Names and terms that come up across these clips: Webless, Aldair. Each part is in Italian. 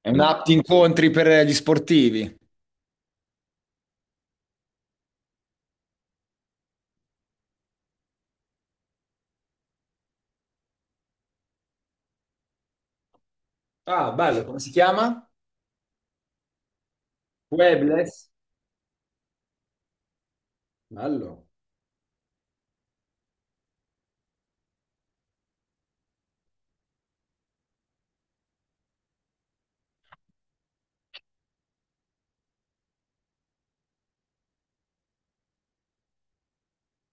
È un'app di incontri per gli sportivi. Ah, bello. Come si chiama? Webless. Bello.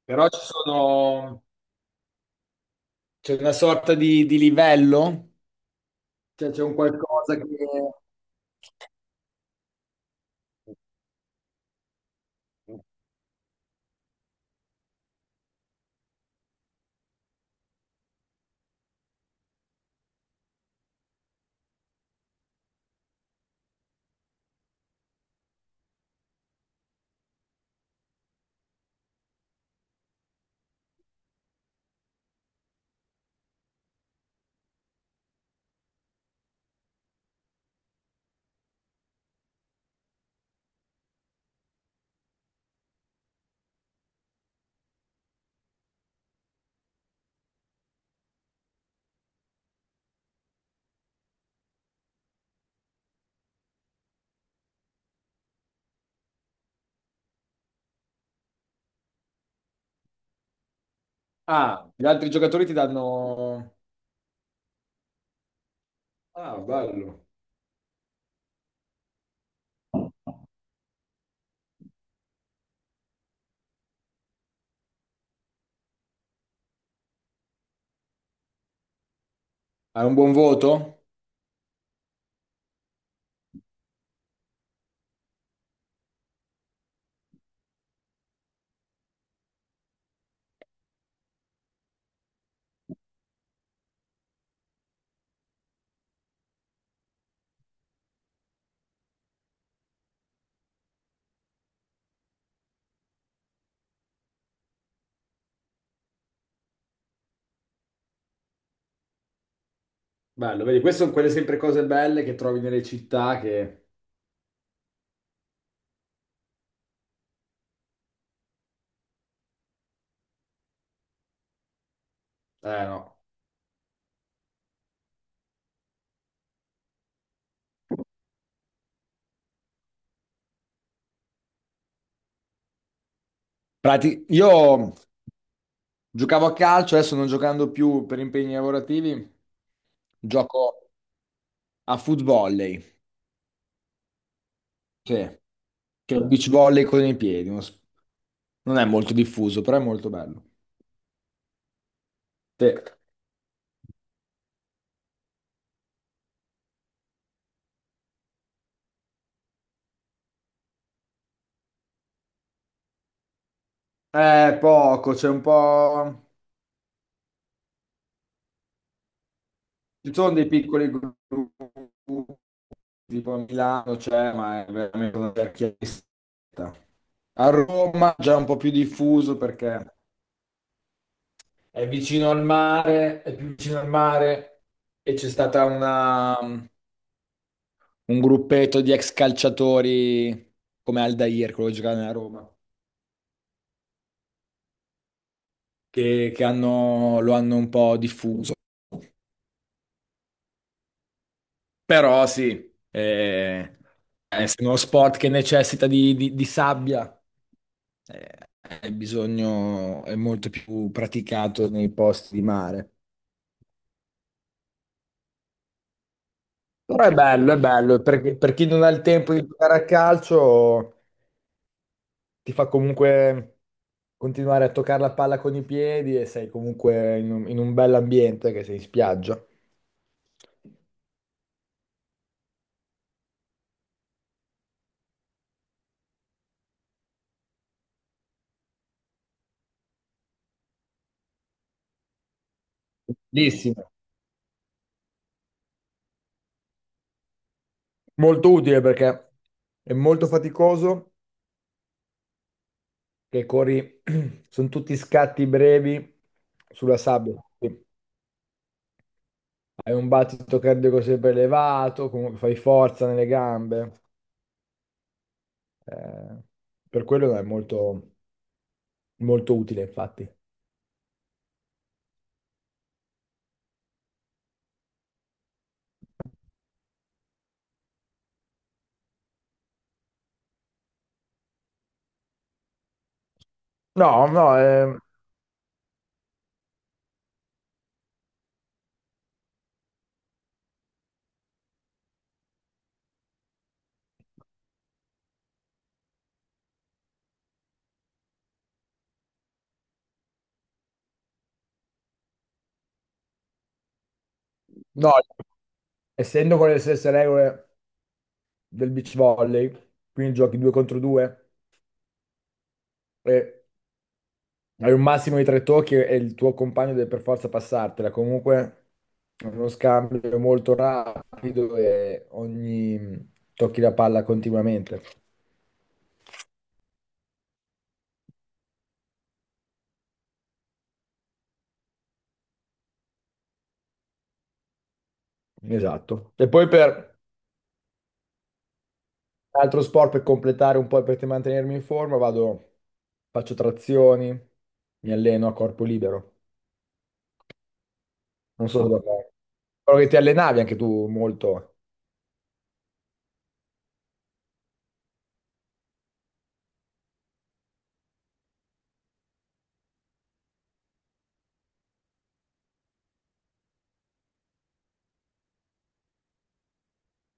Però ci sono... c'è una sorta di, livello, cioè c'è un qualcosa che... Ah, gli altri giocatori ti danno... Ah, bello. Hai un buon voto? Bello, vedi, queste sono quelle sempre cose belle che trovi nelle città che... no. Io giocavo a calcio, adesso non giocando più per impegni lavorativi, gioco a foot volley. Sì. Che è il beach volley con i piedi, non è molto diffuso, però è molto bello. Sì. È poco, c'è un po'... Ci sono dei piccoli gruppi, tipo a Milano c'è, ma è veramente una vecchia lista. A Roma già un po' più diffuso perché è vicino al mare, è più vicino al mare e c'è stata un gruppetto di ex calciatori come Aldair, quello che giocava nella Roma, lo hanno un po' diffuso. Però sì, eh, essendo uno sport che necessita di, di sabbia, è bisogno, è molto più praticato nei posti di mare. Però è bello, perché per chi non ha il tempo di giocare a calcio, ti fa comunque continuare a toccare la palla con i piedi e sei comunque in un bell'ambiente che sei in spiaggia. Bellissimo. Molto utile perché è molto faticoso che corri, sono tutti scatti brevi sulla sabbia. Quindi hai un battito cardiaco sempre elevato, comunque fai forza nelle gambe. eh, per quello è molto, molto utile, infatti. No, no, no, essendo con le stesse regole del beach volley, quindi giochi due contro due, e hai un massimo di tre tocchi e il tuo compagno deve per forza passartela. Comunque è uno scambio molto rapido e ogni tocchi la palla continuamente. Esatto. E poi per altro sport per completare un po' e per mantenermi in forma, vado, faccio trazioni, mi alleno a corpo libero. Non so cosa fare. Però che ti allenavi anche tu molto.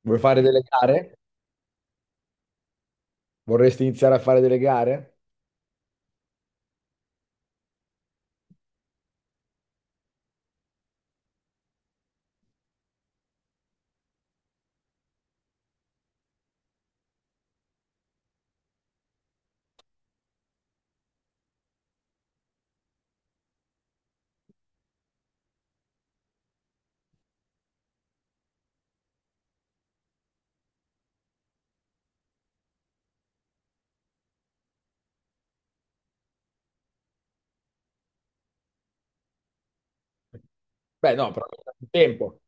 Vuoi fare delle gare? Vorresti iniziare a fare delle gare? Beh, no, però non hai tempo.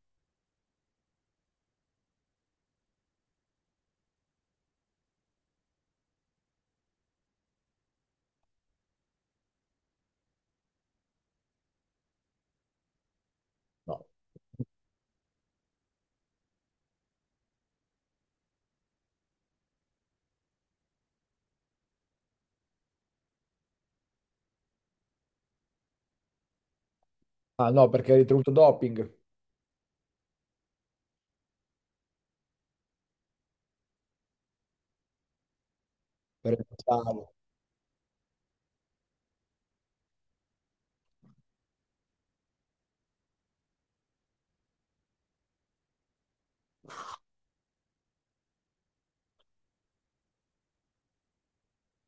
No. Ah no, perché hai ricevuto doping per il pensavo.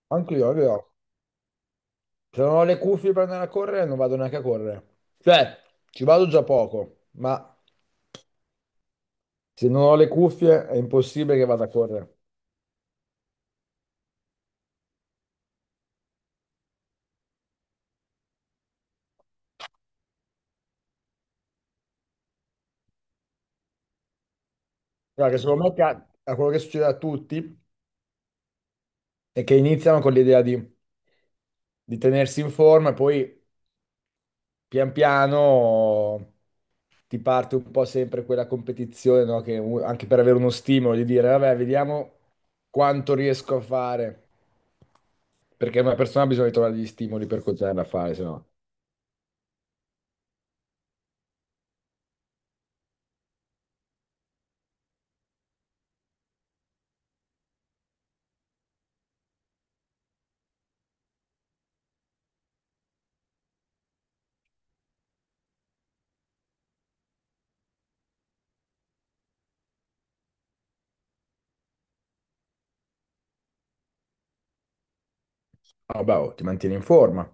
Anche io, anche io. Se non ho le cuffie per andare a correre, non vado neanche a correre. Cioè, ci vado già poco, ma se non ho le cuffie è impossibile che vada a correre. Guarda, che secondo me a quello che succede a tutti è che iniziano con l'idea di tenersi in forma e poi pian piano ti parte un po' sempre quella competizione, no? Che anche per avere uno stimolo di dire, vabbè, vediamo quanto riesco a fare. Perché una persona ha bisogno di trovare gli stimoli per continuare a fare, se no, "Ah, vabbè, oh, ti mantieni in forma.